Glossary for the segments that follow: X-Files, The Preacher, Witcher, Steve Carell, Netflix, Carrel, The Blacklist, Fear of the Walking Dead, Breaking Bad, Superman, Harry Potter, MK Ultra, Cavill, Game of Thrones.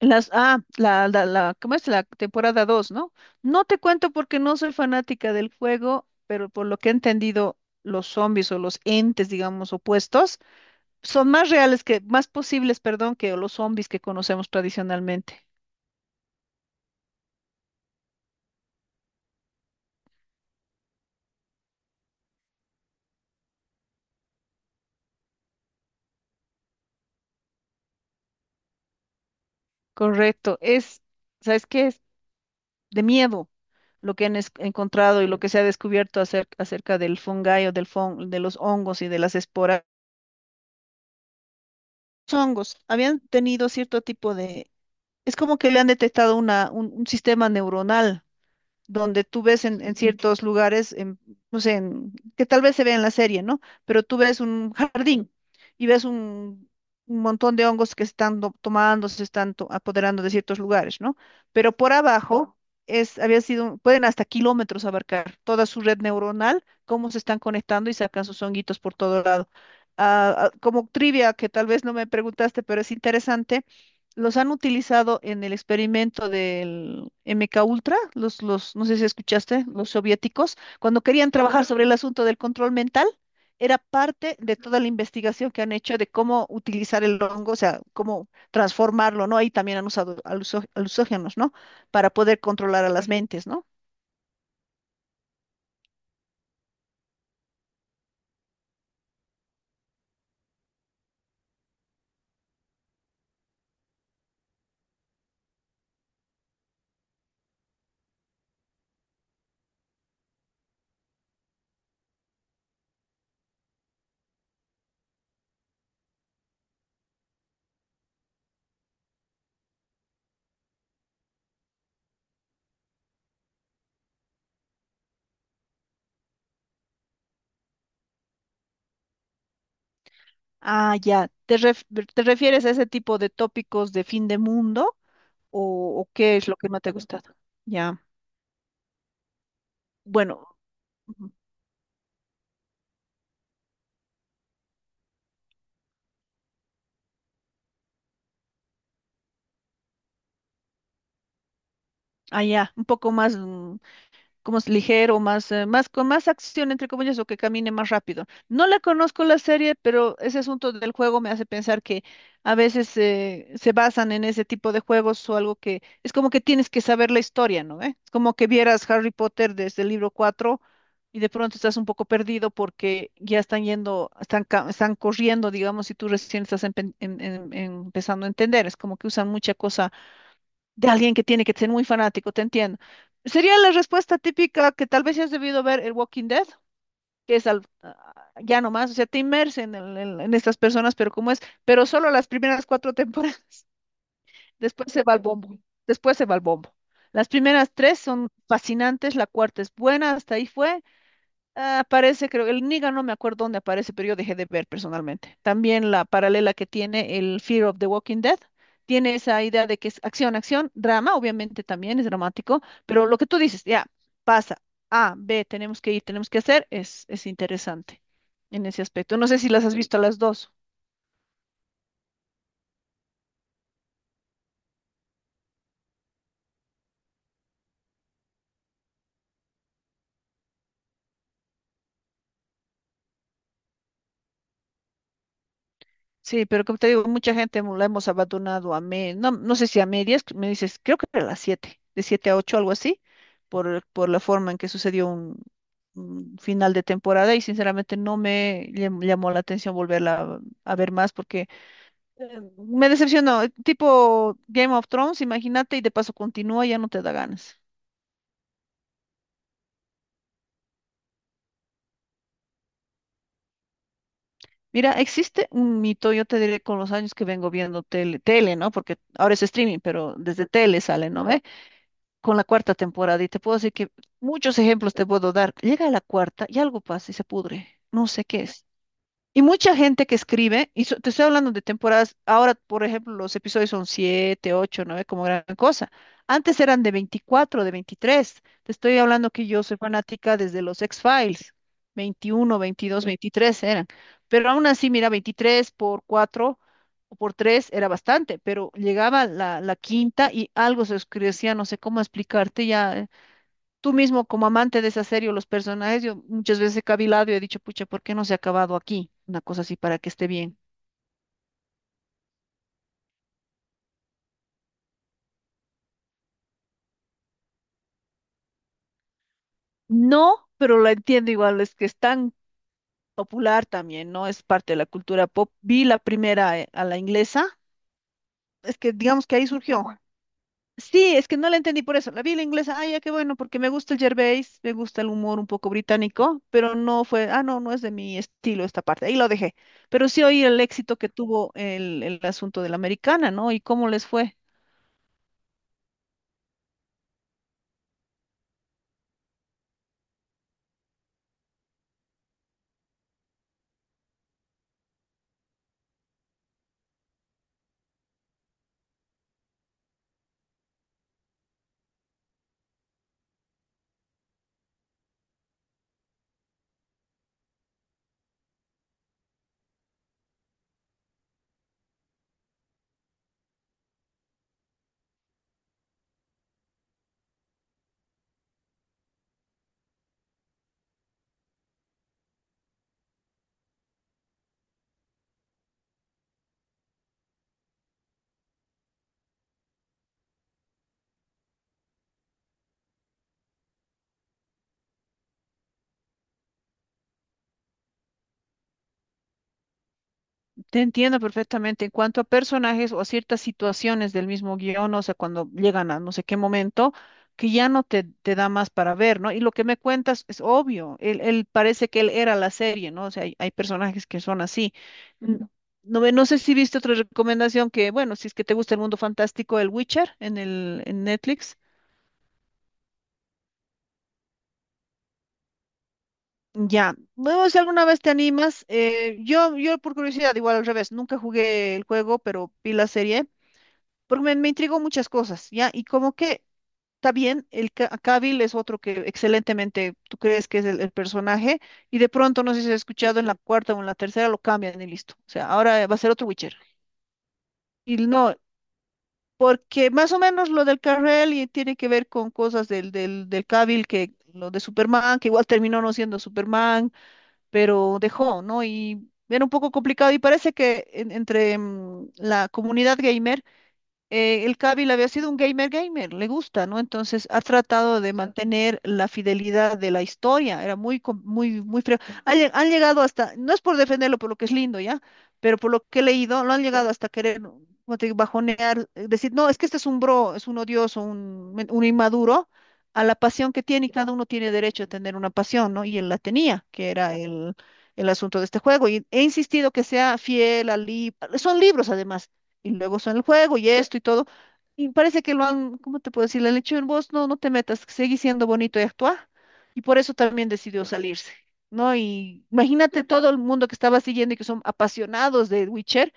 Las, ah, la, ¿Cómo es? La temporada dos, ¿no? No te cuento porque no soy fanática del juego, pero por lo que he entendido, los zombies o los entes, digamos, opuestos, son más reales más posibles, perdón, que los zombies que conocemos tradicionalmente. Correcto. ¿Sabes qué? Es de miedo lo que han encontrado y lo que se ha descubierto acerca del fungi o del de los hongos y de las esporas. Los hongos habían tenido cierto tipo de. Es como que le han detectado un sistema neuronal donde tú ves en ciertos lugares, en, no sé, que tal vez se ve en la serie, ¿no? Pero tú ves un jardín y ves un montón de hongos que se están tomando, se están apoderando de ciertos lugares, ¿no? Pero por abajo había sido, pueden hasta kilómetros abarcar toda su red neuronal, cómo se están conectando y sacan sus honguitos por todo lado. Como trivia que tal vez no me preguntaste, pero es interesante. Los han utilizado en el experimento del MK Ultra, no sé si escuchaste, los soviéticos, cuando querían trabajar sobre el asunto del control mental, era parte de toda la investigación que han hecho de cómo utilizar el hongo, o sea, cómo transformarlo, ¿no? Ahí también han usado aluxógenos, ¿no? Para poder controlar a las mentes, ¿no? Ah, ya. Te refieres a ese tipo de tópicos de fin de mundo o, o qué es lo que más te ha gustado? Ya. Bueno. Ujú. Ah, ya, un poco más, como es ligero, más, más, con más acción, entre comillas, o que camine más rápido. No la conozco la serie, pero ese asunto del juego me hace pensar que a veces se basan en ese tipo de juegos o algo que es como que tienes que saber la historia, ¿no? ¿Eh? Es como que vieras Harry Potter desde el libro 4 y de pronto estás un poco perdido porque ya están yendo, están, están corriendo, digamos, y tú recién estás empezando a entender. Es como que usan mucha cosa de alguien que tiene que ser muy fanático, te entiendo. Sería la respuesta típica que tal vez has debido ver el Walking Dead, que es al, ah, ya nomás, o sea, te inmerses en estas personas, pero como es, pero solo las primeras cuatro temporadas. Después se va al bombo, después se va al bombo. Las primeras tres son fascinantes, la cuarta es buena, hasta ahí fue. Ah, aparece, creo, el Niga, no me acuerdo dónde aparece, pero yo dejé de ver personalmente. También la paralela que tiene el Fear of the Walking Dead, tiene esa idea de que es acción, acción, drama, obviamente también es dramático, pero lo que tú dices, ya, pasa, A, B, tenemos que ir, tenemos que hacer, es interesante en ese aspecto. No sé si las has visto a las dos. Sí, pero como te digo, mucha gente la hemos abandonado a me, no, no sé si a medias, me dices, creo que a las 7, de 7 a 8, algo así, por la forma en que sucedió un final de temporada y sinceramente no me llamó la atención volverla a ver más porque me decepcionó, tipo Game of Thrones, imagínate, y de paso continúa, ya no te da ganas. Mira, existe un mito, yo te diré con los años que vengo viendo tele, ¿no? Porque ahora es streaming, pero desde tele sale, ¿no ve? Con la cuarta temporada, y te puedo decir que muchos ejemplos te puedo dar. Llega a la cuarta y algo pasa y se pudre. No sé qué es. Y mucha gente que escribe, y te estoy hablando de temporadas, ahora, por ejemplo, los episodios son 7 8 9 como gran cosa. Antes eran de veinticuatro, de veintitrés. Te estoy hablando que yo soy fanática desde los X-Files, veintiuno 22 23 eran. Pero aún así, mira, 23 por 4 o por 3 era bastante, pero llegaba la quinta y algo se oscurecía, no sé cómo explicarte ya. Tú mismo, como amante de esa serie o los personajes, yo muchas veces he cavilado y he dicho, pucha, ¿por qué no se ha acabado aquí? Una cosa así para que esté bien. No, pero la entiendo igual, es que es tan popular también, ¿no? Es parte de la cultura pop. Vi la primera, a la inglesa, es que digamos que ahí surgió. Sí, es que no la entendí por eso. La vi la inglesa, ay, ya qué bueno, porque me gusta el Gervais, me gusta el humor un poco británico, pero no fue, no es de mi estilo esta parte. Ahí lo dejé. Pero sí oí el éxito que tuvo el asunto de la americana, ¿no? Y cómo les fue. Te entiendo perfectamente. En cuanto a personajes o a ciertas situaciones del mismo guión, o sea, cuando llegan a no sé qué momento, que ya no te da más para ver, ¿no? Y lo que me cuentas es obvio. Él parece que él era la serie, ¿no? O sea, hay personajes que son así. N- no sé si viste otra recomendación que, bueno, si es que te gusta el mundo fantástico, el Witcher en el en Netflix. Ya, bueno, si alguna vez te animas, yo por curiosidad, igual al revés, nunca jugué el juego, pero vi la serie. Porque me intrigó muchas cosas, ¿ya? Y como que está bien, el Cavill es otro que excelentemente tú crees que es el personaje, y de pronto, no sé si has escuchado, en la cuarta o en la tercera lo cambian y listo. O sea, ahora va a ser otro Witcher. Y no, porque más o menos lo del Carrel y tiene que ver con cosas del Cavill, que lo de Superman, que igual terminó no siendo Superman, pero dejó, ¿no? Y era un poco complicado y parece que entre la comunidad gamer, el Kabil había sido un gamer gamer, le gusta, ¿no? Entonces ha tratado de mantener la fidelidad de la historia, era muy, muy, muy frío. Han llegado hasta, no es por defenderlo, por lo que es lindo, ¿ya? Pero por lo que he leído, lo han llegado hasta querer, ¿no?, como te digo, bajonear, decir, no, es que este es un bro, es un odioso, un, un inmaduro, a la pasión que tiene, y cada uno tiene derecho a tener una pasión, ¿no? Y él la tenía, que era el... El asunto de este juego y he insistido que sea fiel al libro, son libros además, y luego son el juego y esto y todo. Y parece que lo han, ¿cómo te puedo decir? Le han hecho en voz no, no te metas, seguí siendo bonito y actúa. Y por eso también decidió salirse, ¿no? Y imagínate todo el mundo que estaba siguiendo y que son apasionados de Witcher,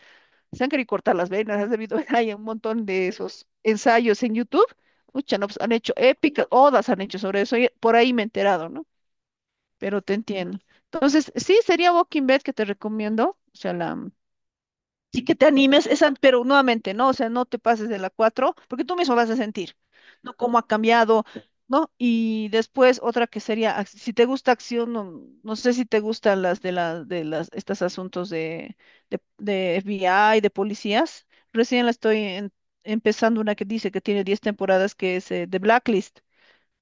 se han querido cortar las venas, has debido ver ahí un montón de esos ensayos en YouTube. Ucha, no, pues, han hecho épicas, odas han hecho sobre eso, y por ahí me he enterado, ¿no? Pero te entiendo. Entonces, sí, sería Walking Dead que te recomiendo, o sea, la... Sí que te animes, esa, pero nuevamente, ¿no? O sea, no te pases de la 4 porque tú mismo vas a sentir, ¿no?, cómo ha cambiado, ¿no? Y después otra que sería, si te gusta acción, no, no sé si te gustan las estos asuntos de FBI, de policías. Recién la estoy empezando una que dice que tiene 10 temporadas, que es The Blacklist.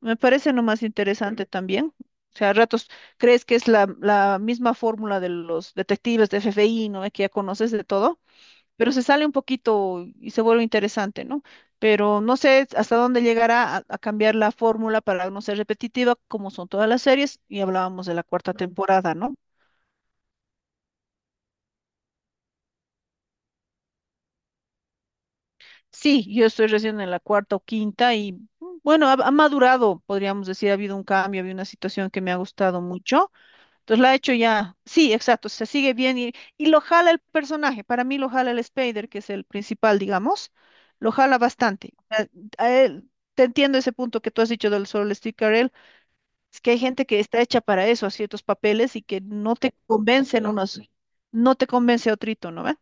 Me parece nomás interesante también. O sea, a ratos crees que es la misma fórmula de los detectives de FBI, ¿no? Que ya conoces de todo, pero se sale un poquito y se vuelve interesante, ¿no? Pero no sé hasta dónde llegará a cambiar la fórmula para no ser repetitiva, como son todas las series, y hablábamos de la cuarta temporada, ¿no? Sí, yo estoy recién en la cuarta o quinta y bueno, ha madurado, podríamos decir, ha habido un cambio, ha habido una situación que me ha gustado mucho. Entonces la ha hecho ya, sí, exacto, se sigue bien y lo jala el personaje, para mí lo jala el Spider, que es el principal, digamos, lo jala bastante. O sea, a él- te entiendo ese punto que tú has dicho del solo Steve Carell, es que hay gente que está hecha para eso, a ciertos papeles y que no te convencen unos, no te convence otrito, ¿no ve?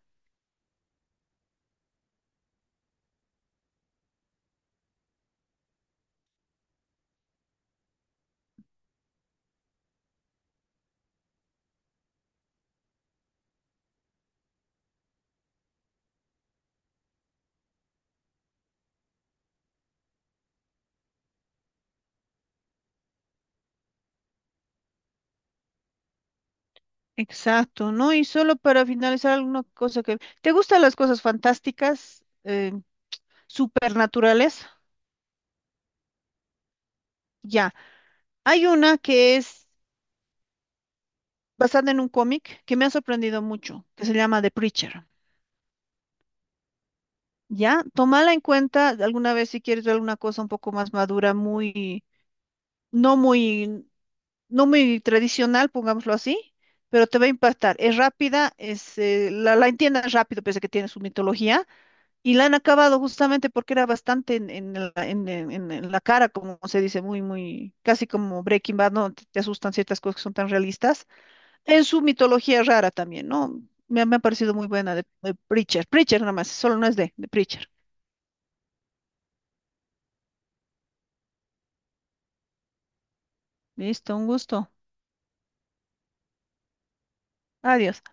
Exacto, ¿no? Y solo para finalizar alguna cosa que... ¿Te gustan las cosas fantásticas, supernaturales? Ya. Hay una que es basada en un cómic que me ha sorprendido mucho, que se llama The Preacher. ¿Ya? Tómala en cuenta alguna vez si quieres ver alguna cosa un poco más madura, muy, no muy, no muy tradicional, pongámoslo así, pero te va a impactar. Es rápida, es, la entiendes rápido, pese a que tiene su mitología, y la han acabado justamente porque era bastante en la cara, como se dice, muy, muy, casi como Breaking Bad, ¿no? Te asustan ciertas cosas que son tan realistas. En su mitología rara también, ¿no? Me ha parecido muy buena de Preacher. Preacher nada más, solo no es de Preacher. Listo, un gusto. Adiós.